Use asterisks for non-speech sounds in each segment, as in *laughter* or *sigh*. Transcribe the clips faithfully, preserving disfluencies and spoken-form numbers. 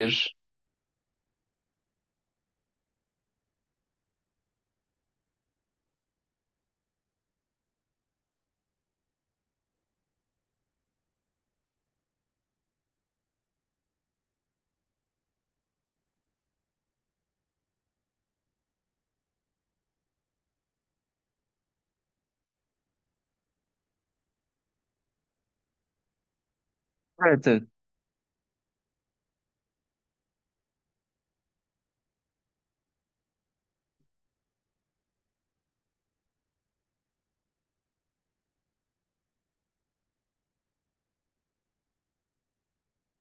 Bir. Evet, evet.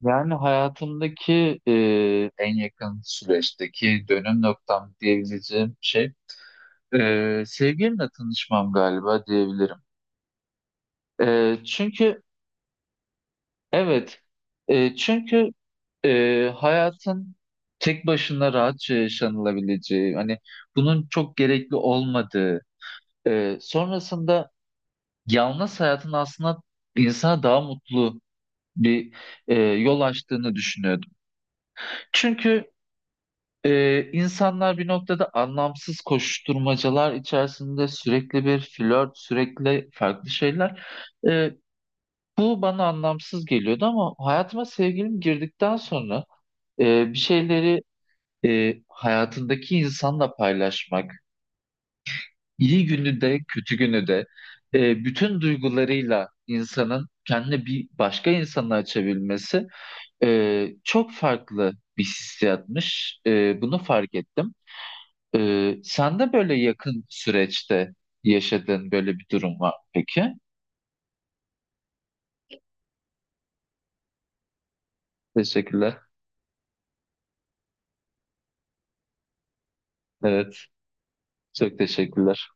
Yani hayatımdaki e, en yakın süreçteki dönüm noktam diyebileceğim şey e, sevgilimle tanışmam galiba diyebilirim. E, çünkü evet, e, çünkü e, hayatın tek başına rahatça yaşanılabileceği, hani bunun çok gerekli olmadığı, e, sonrasında yalnız hayatın aslında insana daha mutlu bir e, yol açtığını düşünüyordum. Çünkü Ee, insanlar bir noktada anlamsız koşuşturmacalar içerisinde sürekli bir flört, sürekli farklı şeyler. Ee, Bu bana anlamsız geliyordu ama hayatıma sevgilim girdikten sonra e, bir şeyleri e, hayatındaki insanla paylaşmak, iyi günü de kötü günü de e, bütün duygularıyla insanın kendini bir başka insana açabilmesi e, çok farklı bir hissiyatmış. E, bunu fark ettim. Ee, sen de böyle yakın süreçte yaşadığın böyle bir durum var mı peki? Teşekkürler. Evet, çok teşekkürler.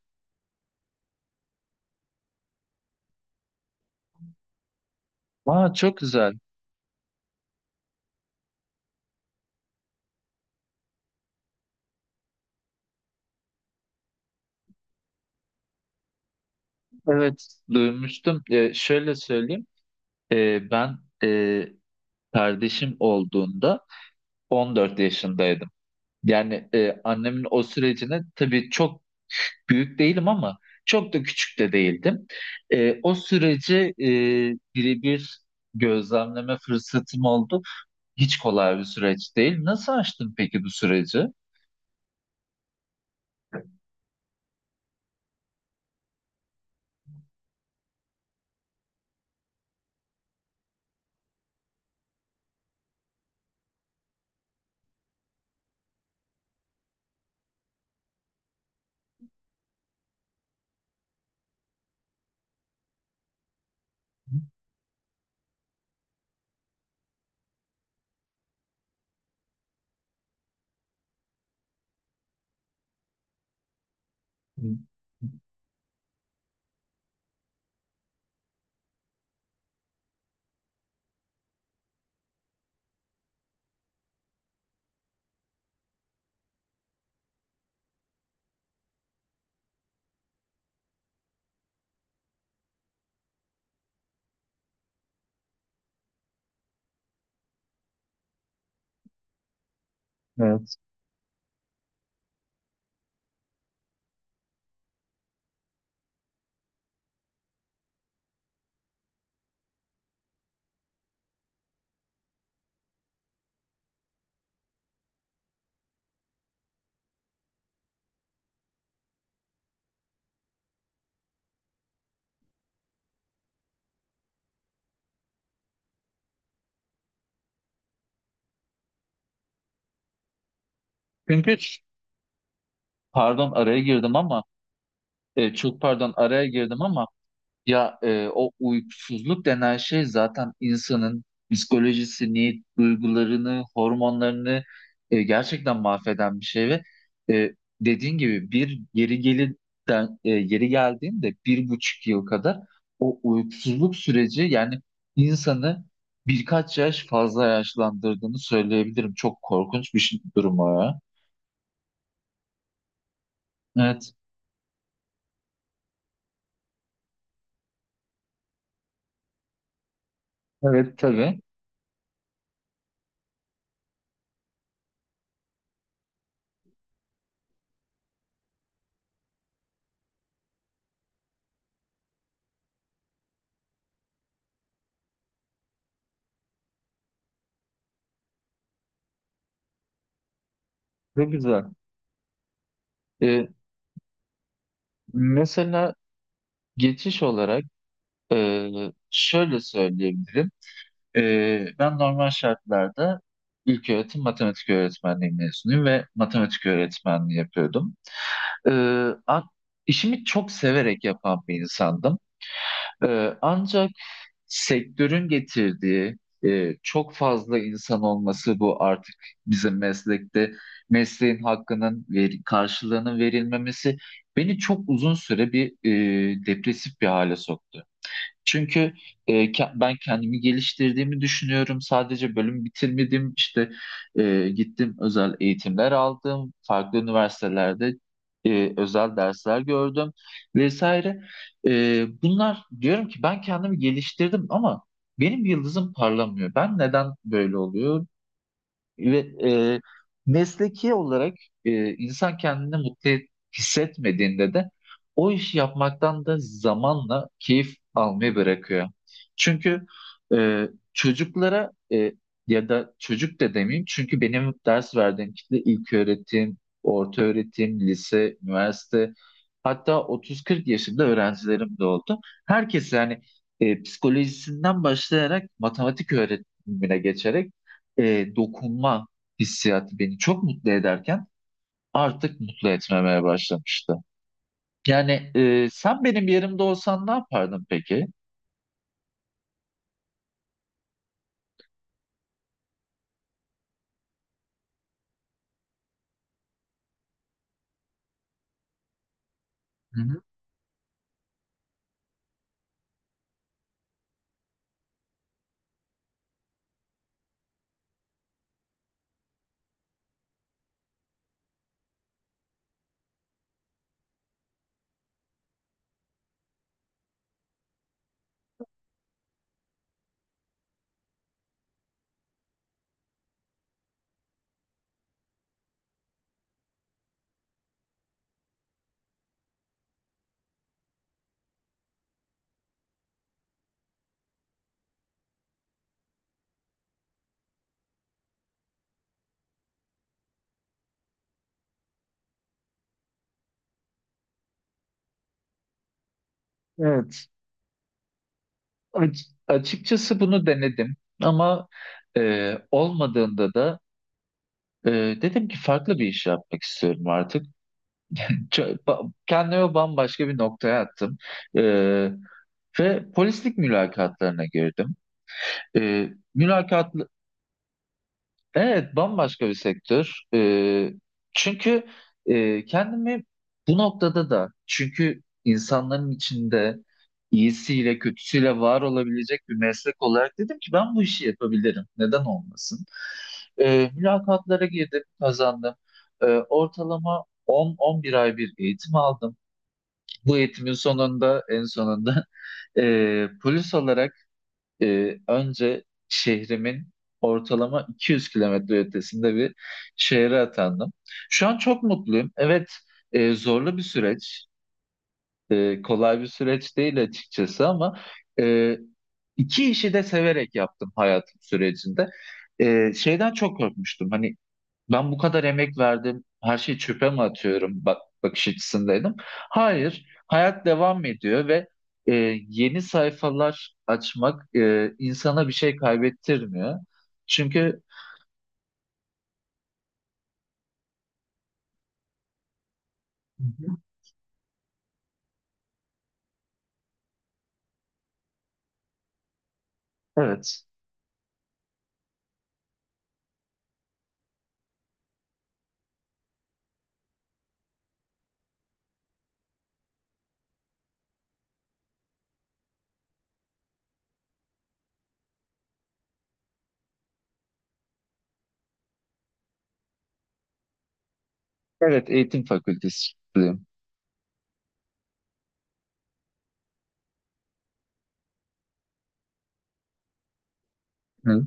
Aa, çok güzel. Evet, duymuştum. Ee, şöyle söyleyeyim. Ee, ben e, kardeşim olduğunda on dört yaşındaydım. Yani e, annemin o sürecine tabii çok büyük değilim ama çok da küçük de değildim. Ee, o süreci e, birebir gözlemleme fırsatım oldu. Hiç kolay bir süreç değil. Nasıl aştın peki bu süreci? Evet. Çünkü Pardon araya girdim ama e, çok pardon araya girdim ama Ya e, o uykusuzluk denen şey zaten insanın psikolojisini, duygularını, hormonlarını e, gerçekten mahveden bir şey ve e, dediğin gibi bir geri gelirden e, yeri geldiğinde bir buçuk yıl kadar o uykusuzluk süreci yani insanı birkaç yaş fazla yaşlandırdığını söyleyebilirim. Çok korkunç bir şey, durum o ya. Evet. Evet tabii. Çok güzel. E, Mesela geçiş olarak. Ee, şöyle söyleyebilirim. Ee, ben normal şartlarda ilköğretim matematik öğretmenliği mezunuyum ve matematik öğretmenliği yapıyordum. Ee, a- işimi çok severek yapan bir insandım. Ee, ancak sektörün getirdiği e, çok fazla insan olması bu artık bizim meslekte mesleğin hakkının veri- karşılığının verilmemesi beni çok uzun süre bir e, depresif bir hale soktu. Çünkü e, ke- ben kendimi geliştirdiğimi düşünüyorum. Sadece bölüm bitirmedim. İşte e, gittim özel eğitimler aldım. Farklı üniversitelerde e, özel dersler gördüm vesaire. E, bunlar diyorum ki ben kendimi geliştirdim ama benim yıldızım parlamıyor. Ben neden böyle oluyor? Ve e, mesleki olarak e, insan kendini mutlu et- hissetmediğinde de o işi yapmaktan da zamanla keyif almayı bırakıyor. Çünkü e, çocuklara e, ya da çocuk da demeyeyim çünkü benim ders verdiğim kitle ilk öğretim, orta öğretim, lise, üniversite hatta otuz kırk yaşında öğrencilerim de oldu. Herkes yani e, psikolojisinden başlayarak matematik öğretimine geçerek e, dokunma hissiyatı beni çok mutlu ederken artık mutlu etmemeye başlamıştı. Yani e, sen benim yerimde olsan ne yapardın peki? Hı hı. Evet. Aç- açıkçası bunu denedim ama e, olmadığında da e, dedim ki farklı bir iş yapmak istiyorum artık. Ç- ba- kendimi bambaşka bir noktaya attım. E, Ve polislik mülakatlarına girdim. E, mülakat Evet, bambaşka bir sektör. Ee, çünkü e, kendimi bu noktada da çünkü insanların içinde iyisiyle kötüsüyle var olabilecek bir meslek olarak dedim ki ben bu işi yapabilirim. Neden olmasın? Ee, mülakatlara girdim, kazandım. Ee, ortalama on on bir ay bir eğitim aldım. Bu eğitimin sonunda en sonunda *laughs* e, polis olarak e, önce şehrimin ortalama iki yüz kilometre ötesinde bir şehre atandım. Şu an çok mutluyum. Evet, e, zorlu bir süreç. E, kolay bir süreç değil açıkçası ama e, iki işi de severek yaptım hayatım sürecinde. E, şeyden çok korkmuştum. Hani ben bu kadar emek verdim. Her şeyi çöpe mi atıyorum? Bak, bakış açısındaydım. Hayır, hayat devam ediyor ve e, yeni sayfalar açmak e, insana bir şey kaybettirmiyor. Çünkü evet, evet eğitim fakültesiyim. Hı,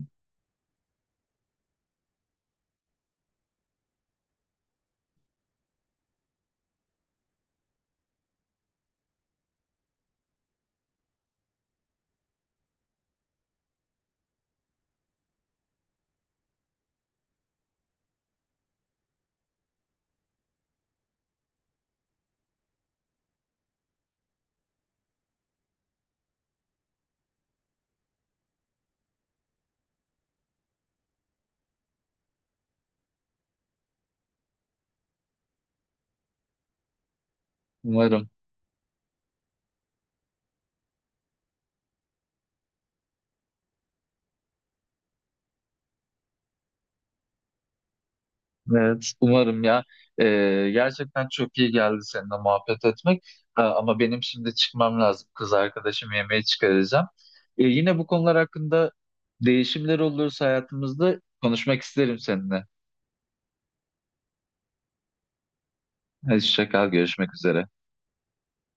umarım. Evet, umarım ya. Ee, gerçekten çok iyi geldi seninle muhabbet etmek. Ha, ama benim şimdi çıkmam lazım. Kız arkadaşım yemeğe çıkaracağım. Ee, yine bu konular hakkında değişimler olursa hayatımızda konuşmak isterim seninle. Hadi hoşça kal, görüşmek üzere.